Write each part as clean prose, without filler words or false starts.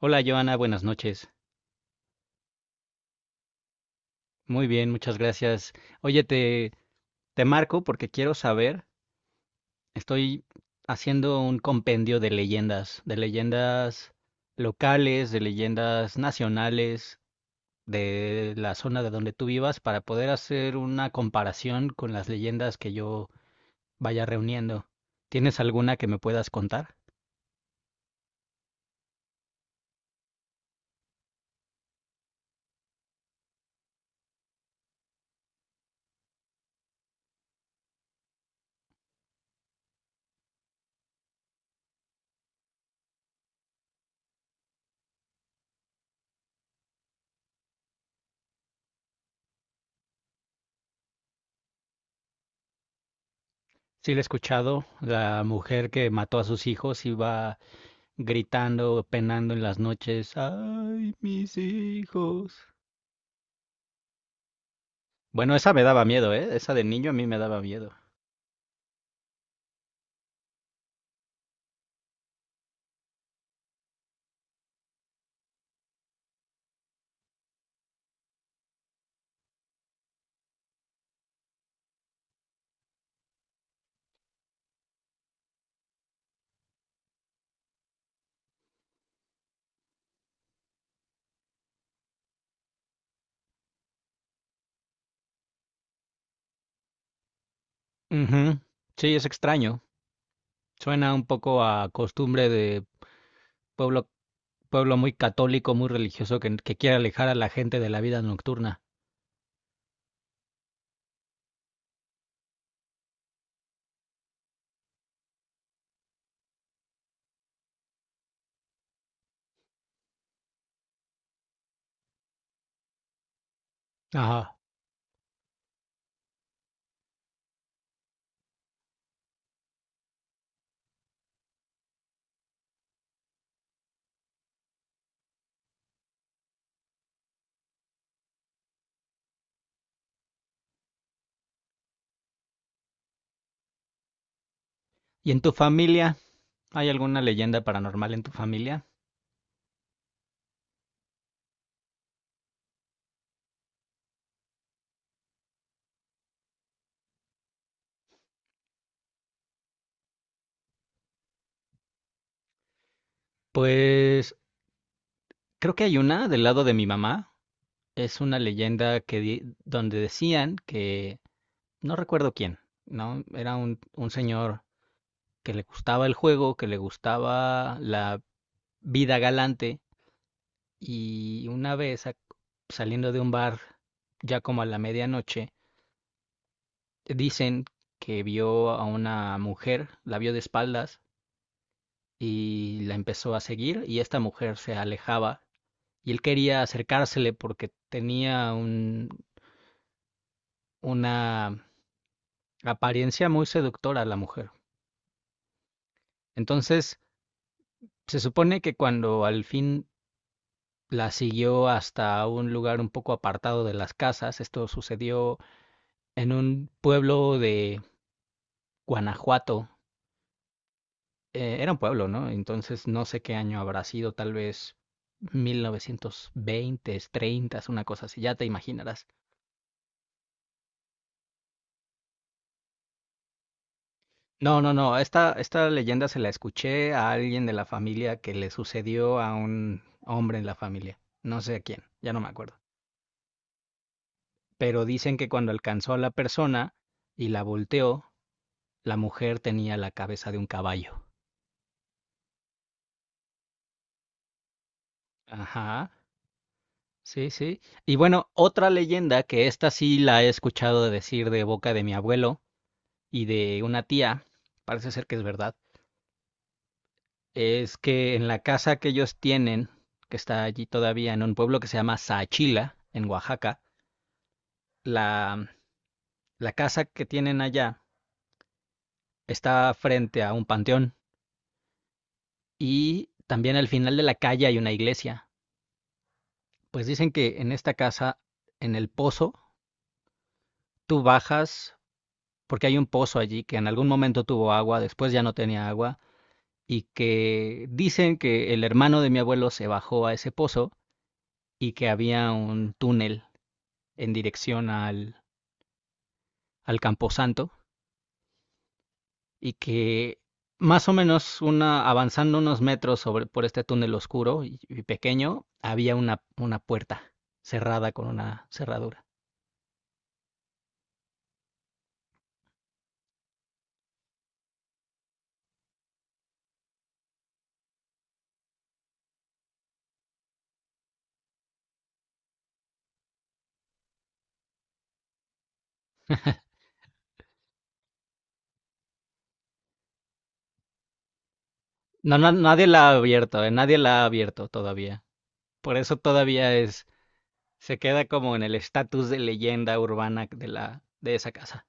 Hola Joana, buenas noches. Muy bien, muchas gracias. Oye, te marco porque quiero saber, estoy haciendo un compendio de leyendas locales, de leyendas nacionales, de la zona de donde tú vivas, para poder hacer una comparación con las leyendas que yo vaya reuniendo. ¿Tienes alguna que me puedas contar? Sí, la he escuchado, la mujer que mató a sus hijos iba gritando, penando en las noches, ay, mis hijos. Bueno, esa me daba miedo, ¿eh? Esa de niño a mí me daba miedo. Ujú. Sí, es extraño. Suena un poco a costumbre de pueblo, pueblo muy católico, muy religioso, que quiere alejar a la gente de la vida nocturna. Ajá. ¿Y en tu familia? ¿Hay alguna leyenda paranormal en tu familia? Pues creo que hay una del lado de mi mamá. Es una leyenda donde decían que no recuerdo quién, ¿no? Era un señor que le gustaba el juego, que le gustaba la vida galante y saliendo de un bar ya como a la medianoche, dicen que vio a una mujer, la vio de espaldas y la empezó a seguir y esta mujer se alejaba y él quería acercársele porque una apariencia muy seductora la mujer. Entonces, se supone que cuando al fin la siguió hasta un lugar un poco apartado de las casas. Esto sucedió en un pueblo de Guanajuato. Era un pueblo, ¿no? Entonces no sé qué año habrá sido, tal vez 1920, 30, una cosa así, ya te imaginarás. No, no, no, esta leyenda se la escuché a alguien de la familia que le sucedió a un hombre en la familia, no sé a quién, ya no me acuerdo. Pero dicen que cuando alcanzó a la persona y la volteó, la mujer tenía la cabeza de un caballo. Ajá. Sí, sí. Y bueno, otra leyenda que esta sí la he escuchado decir de boca de mi abuelo y de una tía, parece ser que es verdad, es que en la casa que ellos tienen, que está allí todavía en un pueblo que se llama Saachila, en Oaxaca, la, la casa que tienen allá está frente a un panteón y también al final de la calle hay una iglesia. Pues dicen que en esta casa, en el pozo, tú bajas porque hay un pozo allí que en algún momento tuvo agua, después ya no tenía agua, y que dicen que el hermano de mi abuelo se bajó a ese pozo y que había un túnel en dirección al Camposanto y que más o menos avanzando unos metros sobre, por este túnel oscuro y pequeño, había una puerta cerrada con una cerradura. No, no, nadie la ha abierto, nadie la ha abierto todavía. Por eso todavía es. Se queda como en el estatus de leyenda urbana de de esa casa.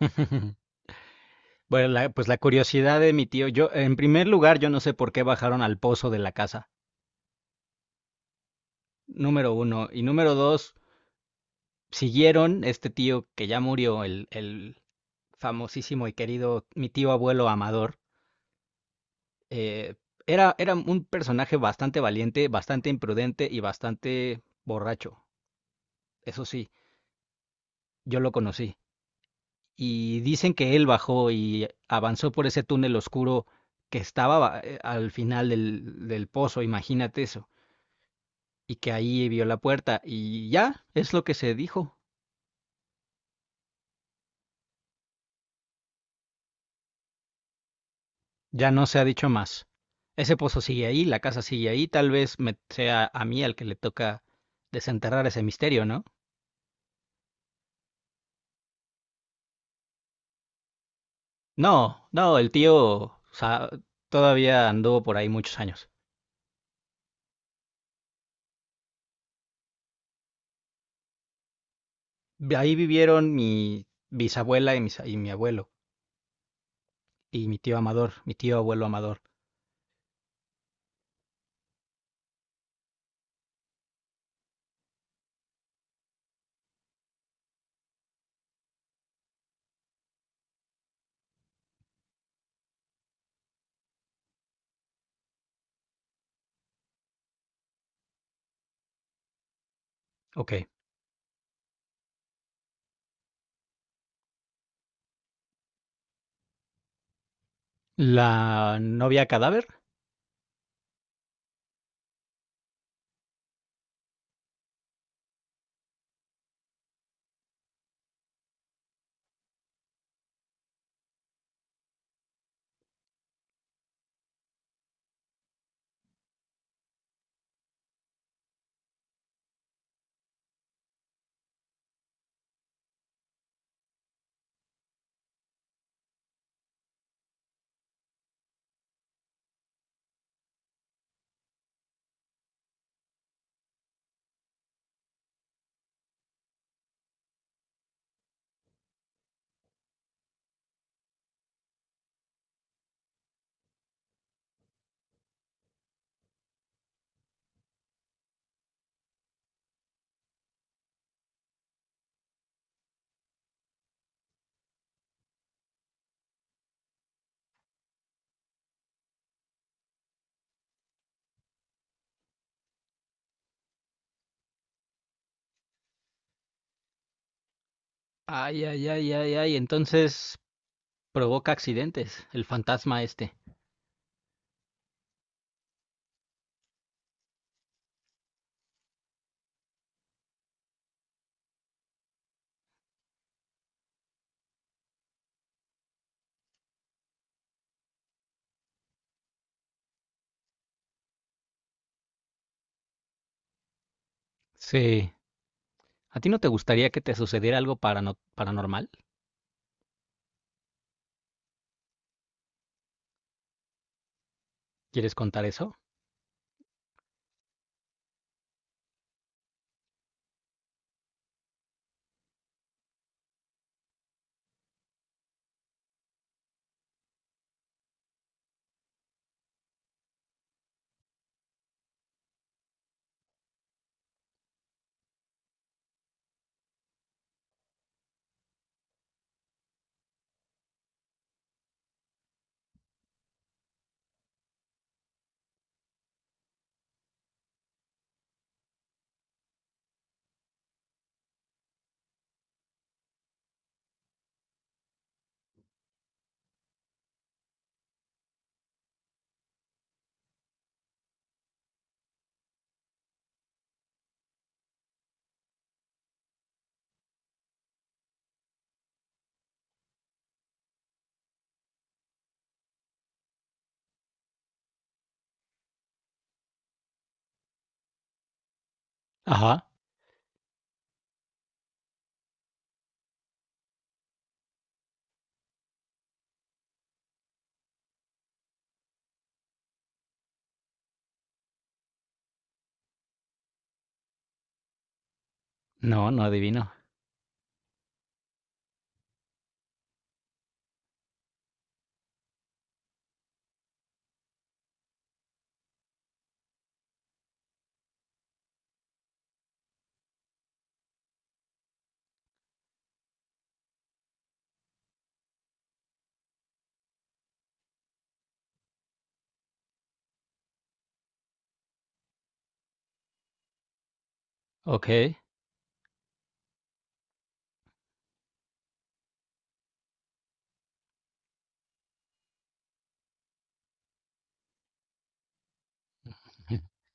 Bueno, pues la curiosidad de mi tío, yo, en primer lugar, yo no sé por qué bajaron al pozo de la casa, número uno. Y número dos, siguieron este tío que ya murió, el famosísimo y querido, mi tío abuelo Amador. eh, era un personaje bastante valiente, bastante imprudente y bastante borracho. Eso sí, yo lo conocí. Y dicen que él bajó y avanzó por ese túnel oscuro que al final del pozo, imagínate eso, y que ahí vio la puerta y ya es lo que se dijo, ya no se ha dicho más. Ese pozo sigue ahí, la casa sigue ahí, tal vez me sea a mí al que le toca desenterrar ese misterio, ¿no? No, no, todavía anduvo por ahí muchos años. Ahí vivieron mi bisabuela y mi abuelo, y mi tío Amador, mi tío abuelo Amador. Ok. La novia cadáver. Ay, ay, ay, ay, ay. Entonces provoca accidentes, el fantasma este. Sí. ¿A ti no te gustaría que te sucediera algo paranormal? ¿Quieres contar eso? Ajá. No, no adivino. Ok.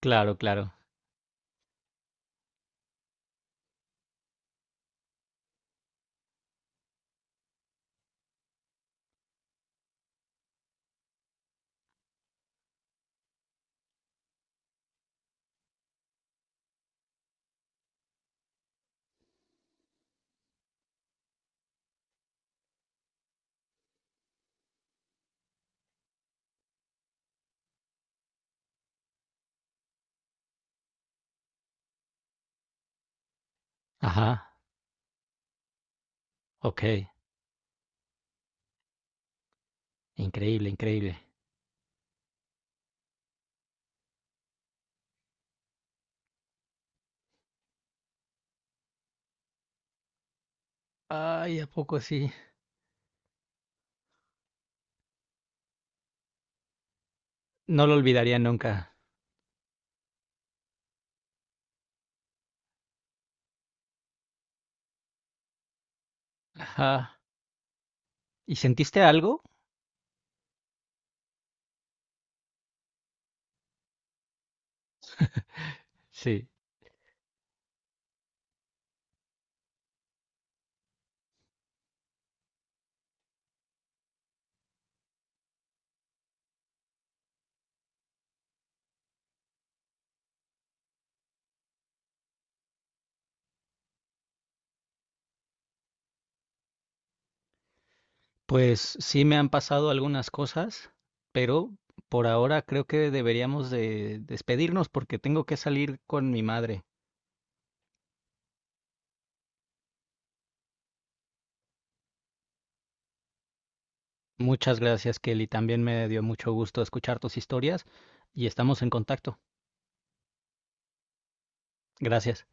Claro, claro. Ajá. Ok. Increíble, increíble. Ay, ¿a poco sí? No lo olvidaría nunca. Ajá. ¿Y sentiste algo? Sí. Pues sí me han pasado algunas cosas, pero por ahora creo que deberíamos de despedirnos porque tengo que salir con mi madre. Muchas gracias, Kelly. También me dio mucho gusto escuchar tus historias y estamos en contacto. Gracias.